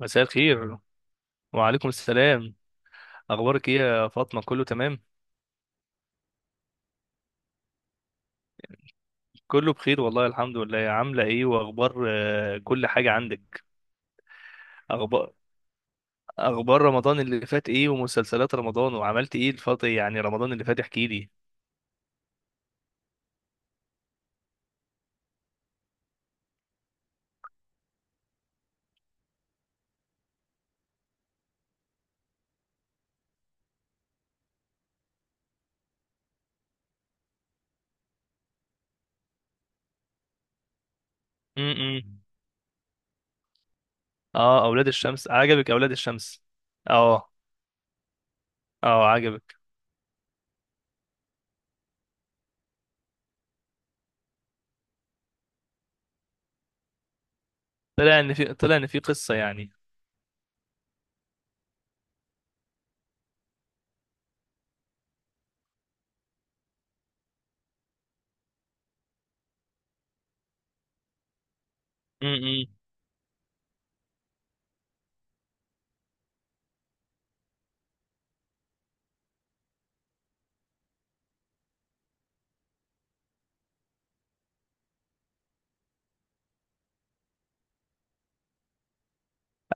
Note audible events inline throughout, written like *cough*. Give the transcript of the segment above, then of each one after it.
مساء الخير، وعليكم السلام. اخبارك ايه يا فاطمه؟ كله تمام؟ كله بخير والله الحمد لله. عامله ايه؟ واخبار كل حاجه عندك؟ اخبار اخبار رمضان اللي فات ايه؟ ومسلسلات رمضان وعملت ايه الفتره؟ يعني رمضان اللي فات احكي لي. امم. اه، اولاد الشمس عجبك؟ اولاد الشمس. اه. اه، عجبك. طلع ان في قصه يعني. امم.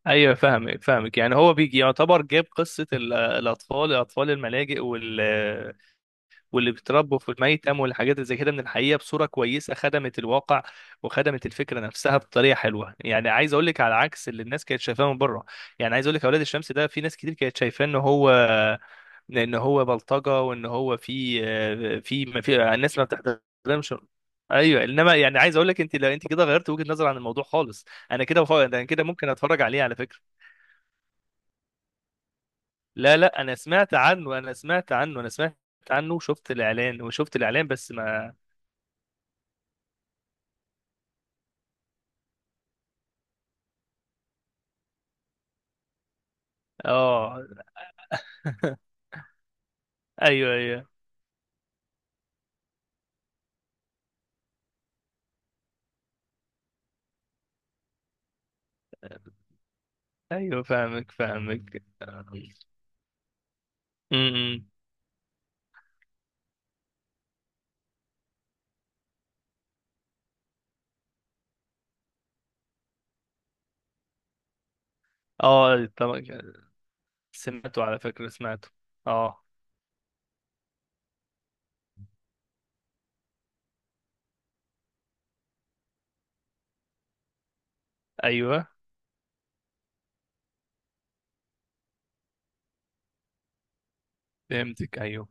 ايوه، فاهمك. يعني هو بيجي يعتبر جاب قصه الاطفال، اطفال الملاجئ، واللي بيتربوا في الميتم والحاجات اللي زي كده، من الحقيقه بصوره كويسه، خدمت الواقع وخدمت الفكره نفسها بطريقه حلوه. يعني عايز اقول لك على عكس اللي الناس كانت شايفاه من بره. يعني عايز اقول لك اولاد الشمس ده، في ناس كتير كانت شايفاه ان هو بلطجه، وان هو في ما في الناس ما بتحترمش. ايوه، انما يعني عايز اقول لك، لو انت كده غيرت وجهه نظر عن الموضوع خالص. انا كده ممكن اتفرج عليه على فكره. لا، لا، انا سمعت عنه انا سمعت عنه انا سمعت عنه وشفت الاعلان بس ما... اه، ايوه، ايوه. *laughs* ايوه، فاهمك. امم. إمم. اه، طبعا سمعته، على فكرة، سمعته. اه. ايوه، فهمتك، ايوه.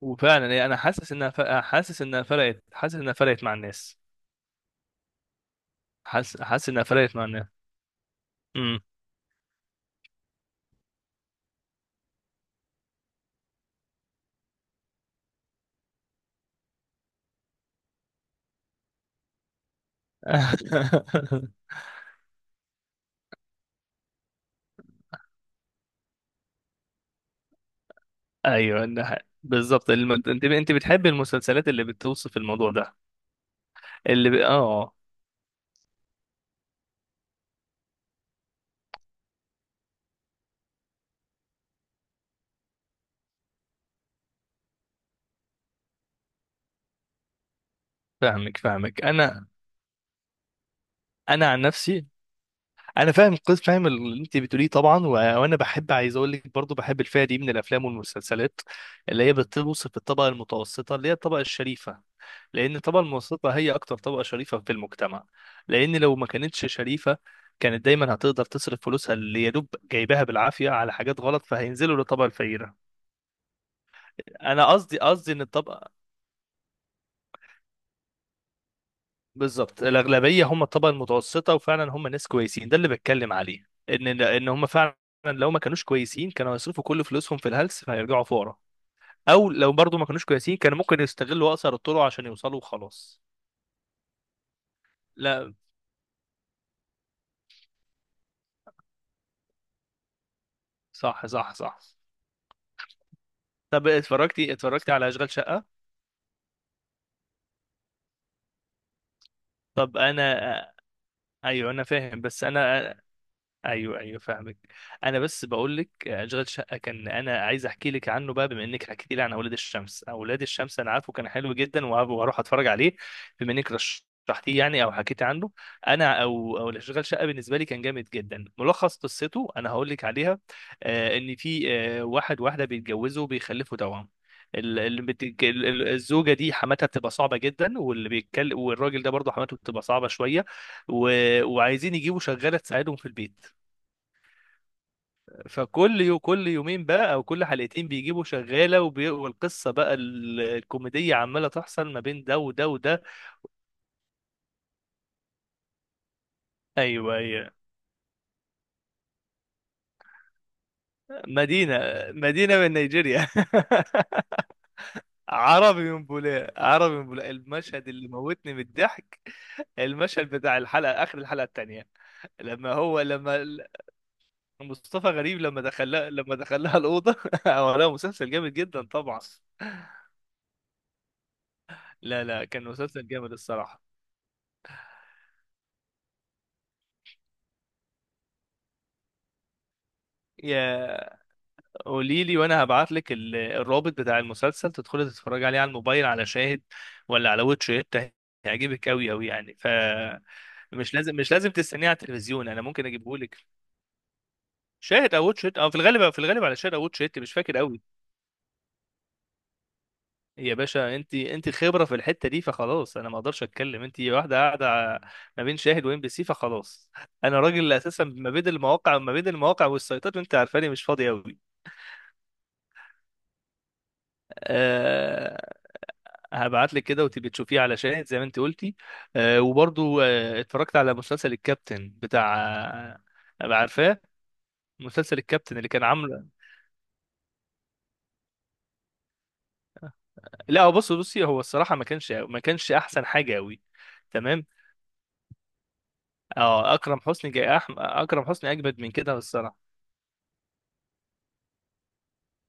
وفعلا يعني انا حاسس انها ف... حاسس انها فرقت مع الناس. حاسس انها فرقت مع الناس. امم. *laughs* ايوه، إنها ح-، بالظبط الم... انت بتحب المسلسلات اللي بتوصف الموضوع ده. اللي ب... اه. آه. فاهمك. انا عن نفسي، انا فاهم قص فاهم اللي انت بتقوليه طبعا، و-، وانا بحب، عايز اقول لك، برضو بحب الفئه دي من الافلام والمسلسلات اللي هي بتوصف الطبقه المتوسطه اللي هي الطبقه الشريفه. لان الطبقه المتوسطه هي اكتر طبقه شريفه في المجتمع. لان لو ما كانتش شريفه كانت دايما هتقدر تصرف فلوسها اللي يا دوب جايباها بالعافيه على حاجات غلط، فهينزلوا للطبقه الفقيره. انا قصدي، ان الطبقه، بالظبط الاغلبيه هم الطبقه المتوسطه، وفعلا هم ناس كويسين، ده اللي بتكلم عليه، ان هم فعلا لو ما كانوش كويسين كانوا هيصرفوا كل فلوسهم في الهلس فهيرجعوا فقراء. او لو برضو ما كانوش كويسين كانوا ممكن يستغلوا اقصر الطرق عشان يوصلوا وخلاص. لا، صح، صح، صح. طب، اتفرجتي على اشغال شقه؟ طب انا... ايوه، انا فاهم، بس انا... ايوه، ايوه، فاهمك. انا بس بقول لك اشغال شقه كان، انا عايز احكي لك عنه بقى بما انك حكيتي لي عن اولاد الشمس. اولاد الشمس انا عارفه كان حلو جدا، وهروح اتفرج عليه بما انك رشحتيه يعني او حكيتي عنه. انا، او اشغال شقه بالنسبه لي كان جامد جدا. ملخص قصته انا هقول لك عليها. ان في واحد واحده بيتجوزوا وبيخلفوا توأم. ال- اللي بتتج- ال- ال- الزوجه دي حماتها بتبقى صعبه جدا، واللي بيتكلم والراجل ده برضه حماته بتبقى صعبه شويه، و... وعايزين يجيبوا شغاله تساعدهم في البيت. فكل يو كل يومين بقى، او كل حلقتين، بيجيبوا شغاله، وبي... والقصه بقى الكوميديه عماله تحصل ما بين ده وده وده. ايوه، ايوه. مدينه مدينه من نيجيريا. *laughs* عربي من بولاق المشهد اللي موتني من الضحك. المشهد بتاع الحلقه، اخر الحلقه الثانيه، لما هو لما ال- مصطفى غريب لما دخلها الاوضه. *laughs* هو، لا، مسلسل جامد جدا طبعا. لا، لا، كان مسلسل جامد الصراحه. يا، قولي لي وانا هبعت لك الرابط بتاع المسلسل تدخلي تتفرجي عليه على الموبايل، على شاهد ولا على واتش إت. هيعجبك قوي قوي، يعني، ف-، مش لازم تستنيه على التلفزيون، انا ممكن اجيبه لك. شاهد او واتش إت، او في الغالب، على شاهد او واتش إت، مش فاكر قوي. يا باشا، انت خبره في الحته دي، فخلاص انا ما اقدرش اتكلم، انت واحده قاعده ع-، ما بين شاهد وام بي سي، فخلاص. انا راجل اساسا، ما بين المواقع والسيطات، وانت عارفاني مش فاضي. قوي. هبعت لك كده وتبقي تشوفيه على شاهد زي ما انت قلتي. آه، وبرضو آه، اتفرجت على مسلسل الكابتن بتاع. آه، عارفاه مسلسل الكابتن اللي كان عامله؟ لا، هو، بص، بصي، هو الصراحه ما كانش احسن حاجه قوي. تمام. اه، اكرم حسني اجمد من كده الصراحه.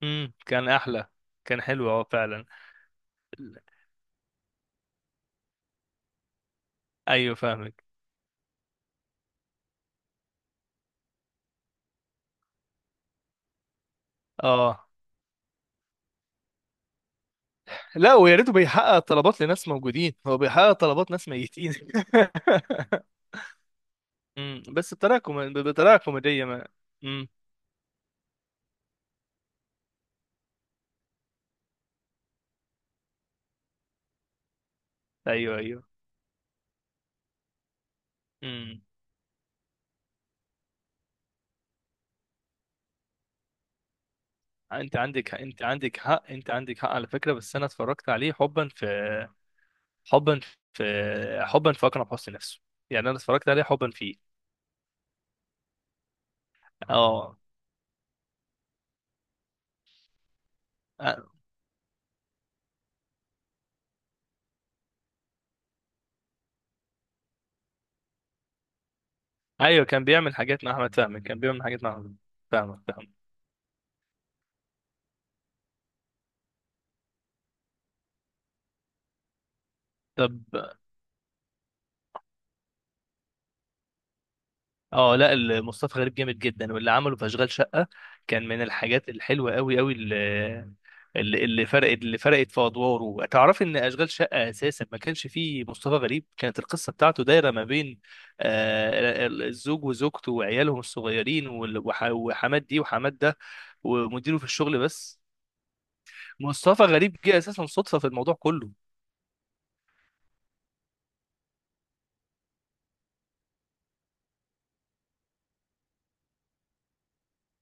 امم، كان احلى. كان حلو، اه فعلا. ايوه، فاهمك. اه، لا، ويا ريته بيحقق طلبات لناس موجودين، هو بيحقق طلبات ناس ميتين. *laughs* امم، بس بطريقه بطريقه كوميديه ما. امم. ايوه، ايوه. امم. انت عندك حق، على فكره، بس انا اتفرجت عليه حبا في حبا في اكرم حسني نفسه. يعني انا اتفرجت عليه حبا فيه. اه. أ-، ايوه، كان بيعمل حاجات مع احمد فهمي، فاهمك. طب، اه، لا، مصطفى غريب جامد جدا، واللي عمله في اشغال شقه كان من الحاجات الحلوه قوي قوي، اللي فرقت في ادواره. تعرف ان اشغال شقه اساسا ما كانش فيه مصطفى غريب، كانت القصه بتاعته دايره ما بين الزوج وزوجته وعيالهم الصغيرين، وحماد دي وحماد ده، ومديره في الشغل بس. مصطفى غريب جه اساسا صدفه في الموضوع كله.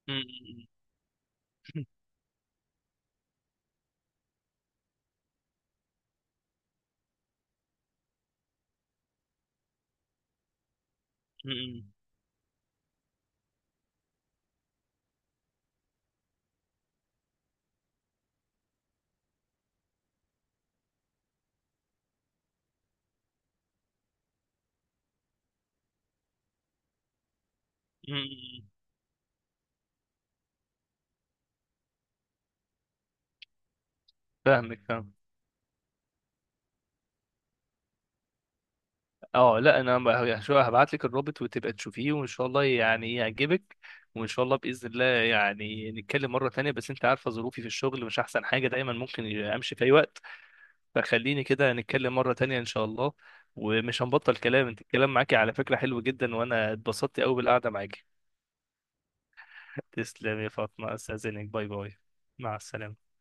م- م- م- م- م- م- م- فاهمك، فاهم. اه، لا، انا ب-، يعني، شو-، هبعت لك الرابط وتبقى تشوفيه وان شاء الله يعني يعجبك. وان شاء الله باذن الله يعني نتكلم مره تانية، بس انت عارفه ظروفي في الشغل مش احسن حاجه، دايما ممكن امشي في اي وقت. فخليني كده نتكلم مره تانية ان شاء الله. ومش هنبطل كلام، انت الكلام معاكي على فكره حلو جدا، وانا اتبسطت قوي بالقعده معاكي. تسلمي يا فاطمه، استاذنك. باي باي. مع السلامه.